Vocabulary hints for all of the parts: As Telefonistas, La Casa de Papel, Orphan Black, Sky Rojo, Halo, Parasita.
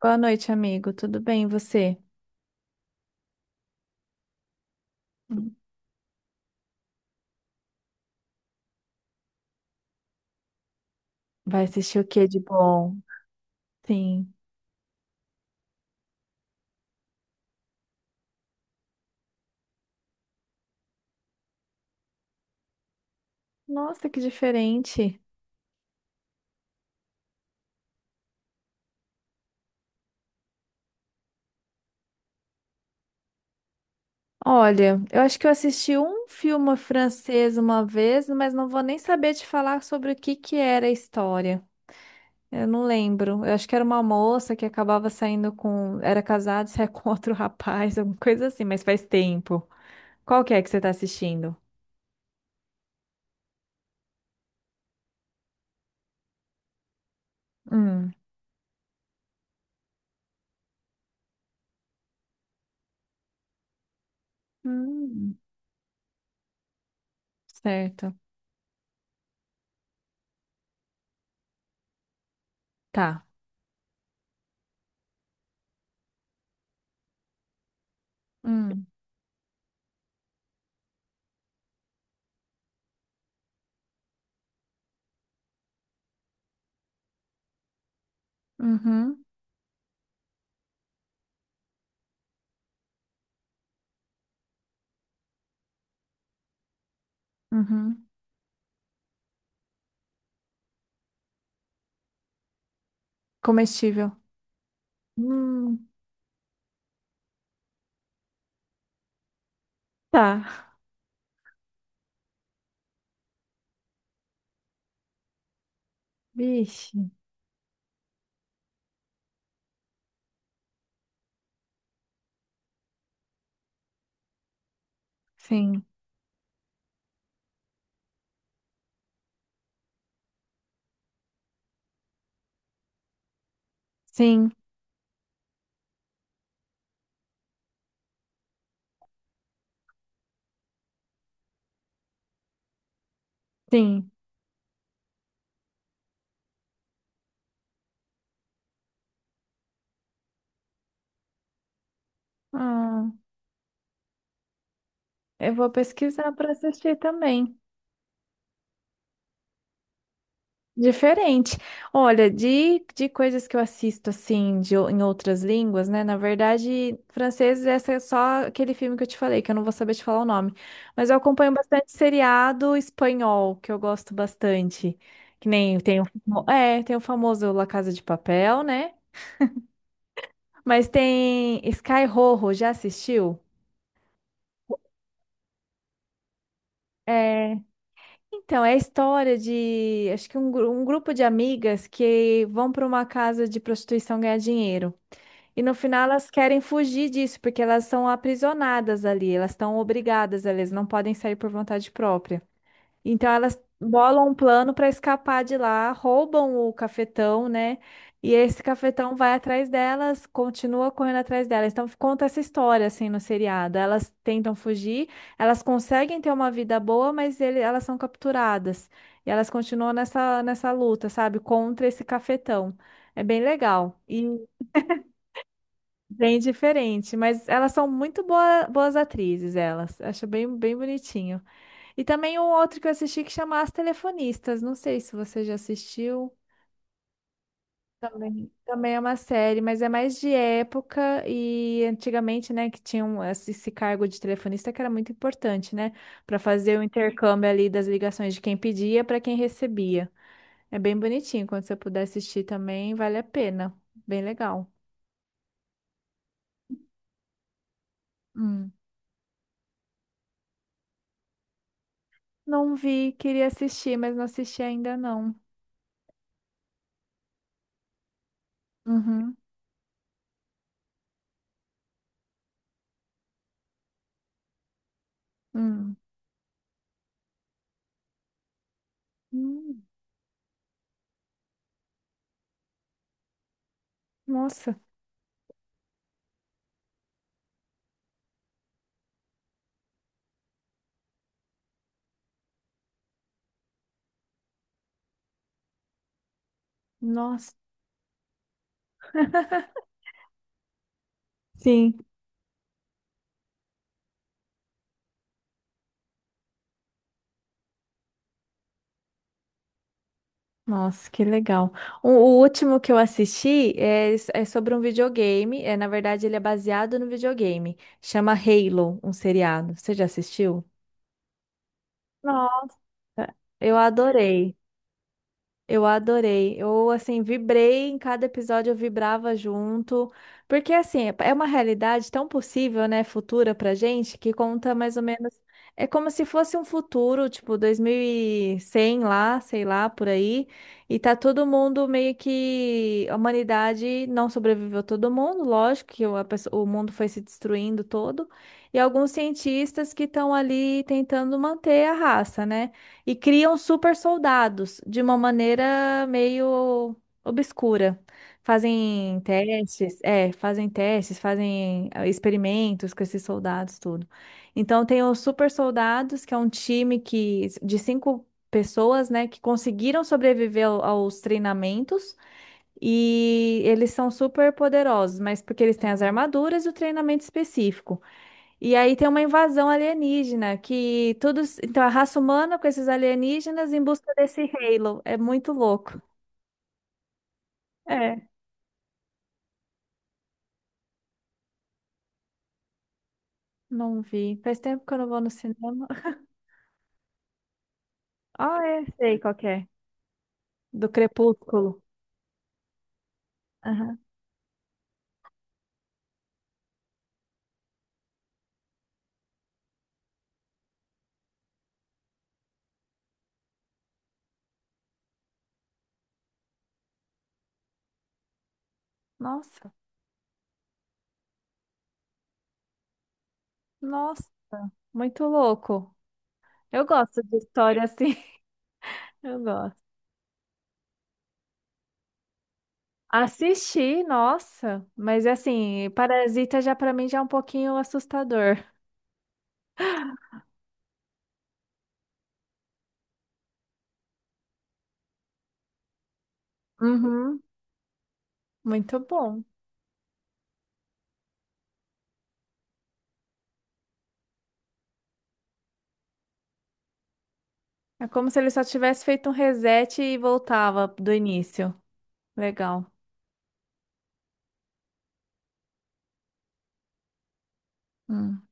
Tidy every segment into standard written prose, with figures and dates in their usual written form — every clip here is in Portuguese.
Boa noite, amigo. Tudo bem, e você? Hum. Vai assistir o que de bom? Sim. Nossa, que diferente. Olha, eu acho que eu assisti um filme francês uma vez, mas não vou nem saber te falar sobre o que era a história. Eu não lembro. Eu acho que era uma moça que acabava saindo com, era casada, saia com outro rapaz, alguma coisa assim, mas faz tempo. Qual que é que você tá assistindo? Hum. Hum. Certo. Tá. Hum. Uhum. Uhum. Comestível. Hum, tá. Vixe. Sim, sim, sim. Ah, eu vou pesquisar para assistir também. Diferente. Olha, de coisas que eu assisto assim de, em outras línguas, né? Na verdade, francês, essa é só aquele filme que eu te falei, que eu não vou saber te falar o nome. Mas eu acompanho bastante seriado espanhol, que eu gosto bastante. Que nem tem o, tem o famoso La Casa de Papel, né? Mas tem Sky Rojo, já assistiu? É. Então, é a história de, acho que um, um grupo de amigas que vão para uma casa de prostituição ganhar dinheiro. E no final elas querem fugir disso, porque elas são aprisionadas ali, elas estão obrigadas, elas não podem sair por vontade própria. Então elas bolam um plano para escapar de lá, roubam o cafetão, né? E esse cafetão vai atrás delas, continua correndo atrás delas. Então conta essa história assim no seriado. Elas tentam fugir, elas conseguem ter uma vida boa, mas elas são capturadas. E elas continuam nessa, nessa luta, sabe? Contra esse cafetão. É bem legal e bem diferente, mas elas são muito boas atrizes, elas. Acho bem, bem bonitinho. E também um outro que eu assisti que chama As Telefonistas. Não sei se você já assistiu. Também, também é uma série, mas é mais de época e antigamente, né, que tinha esse cargo de telefonista que era muito importante, né, para fazer o intercâmbio ali das ligações de quem pedia para quem recebia. É bem bonitinho. Quando você puder assistir também, vale a pena. Bem legal. Hum. Não vi, queria assistir, mas não assisti ainda não. Uhum. Hum. Hum. Nossa, nossa. Sim. Nossa, que legal. O último que eu assisti é sobre um videogame. É, na verdade, ele é baseado no videogame. Chama Halo, um seriado. Você já assistiu? Nossa. Eu adorei. Eu adorei. Eu, assim, vibrei em cada episódio, eu vibrava junto. Porque, assim, é uma realidade tão possível, né, futura pra gente, que conta mais ou menos. É como se fosse um futuro, tipo, 2100 lá, sei lá, por aí. E tá todo mundo meio que. A humanidade não sobreviveu todo mundo, lógico que o mundo foi se destruindo todo. E alguns cientistas que estão ali tentando manter a raça, né? E criam super soldados de uma maneira meio obscura. Fazem testes, é, fazem testes, fazem experimentos com esses soldados, tudo. Então tem os super soldados, que é um time que de cinco pessoas, né, que conseguiram sobreviver aos treinamentos. E eles são super poderosos, mas porque eles têm as armaduras e o treinamento específico. E aí tem uma invasão alienígena, que todos. Então, a raça humana com esses alienígenas em busca desse Halo. É muito louco. É, não vi. Faz tempo que eu não vou no cinema. Ah, é, sei qual que é. Do Crepúsculo. Aham. Nossa, nossa, muito louco. Eu gosto de história assim. Eu gosto. Assisti, nossa, mas assim, Parasita já pra mim já é um pouquinho assustador. Uhum. Muito bom. É como se ele só tivesse feito um reset e voltava do início. Legal. Hum.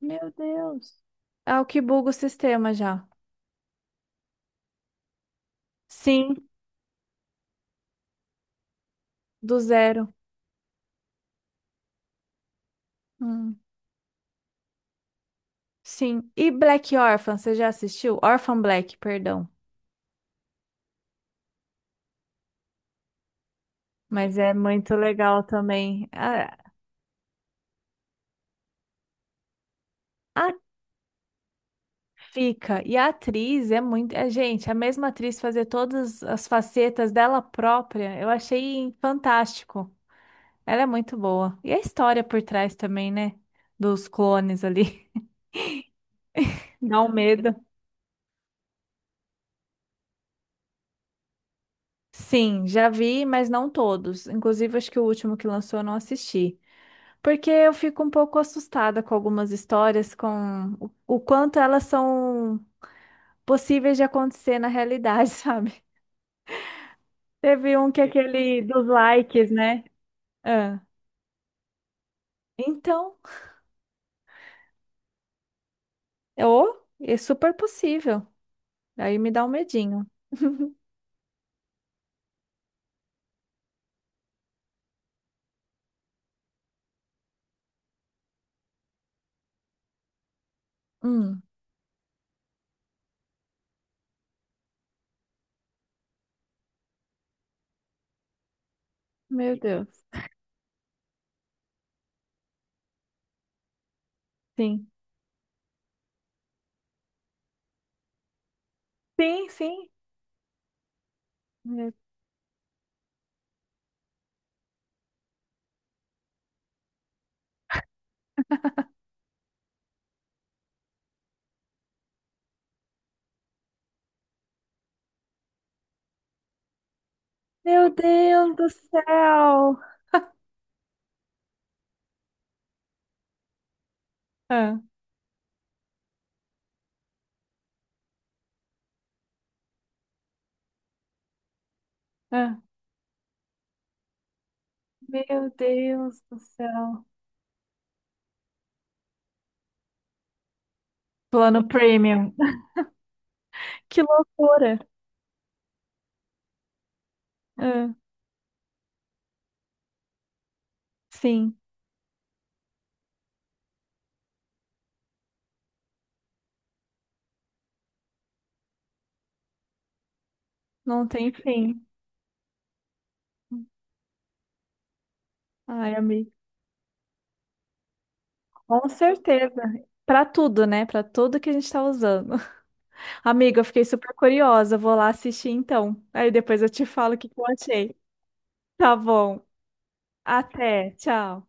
Meu Deus. É o que buga o sistema já. Sim, do zero. Hum. Sim. E Black Orphan, você já assistiu? Orphan Black, perdão. Mas é muito legal também. A fica. E a atriz é muito. É, gente, a mesma atriz fazer todas as facetas dela própria, eu achei fantástico. Ela é muito boa. E a história por trás também, né? Dos clones ali. Dá um medo. Sim, já vi, mas não todos. Inclusive, acho que o último que lançou eu não assisti. Porque eu fico um pouco assustada com algumas histórias, com o quanto elas são possíveis de acontecer na realidade, sabe? Teve um que é aquele dos likes, né? Ah, então, eu, é super possível. Aí me dá um medinho. Hum, meu Deus. Sim. Sim, sim. Meu Deus do céu! Ah, ah. Meu Deus do céu! Plano premium. Que loucura! Ah, sim, não tem fim. Ai, amiga. Com certeza. Pra tudo, né? Pra tudo que a gente tá usando. Amiga, eu fiquei super curiosa. Vou lá assistir então. Aí depois eu te falo o que eu achei. Tá bom. Até. Tchau.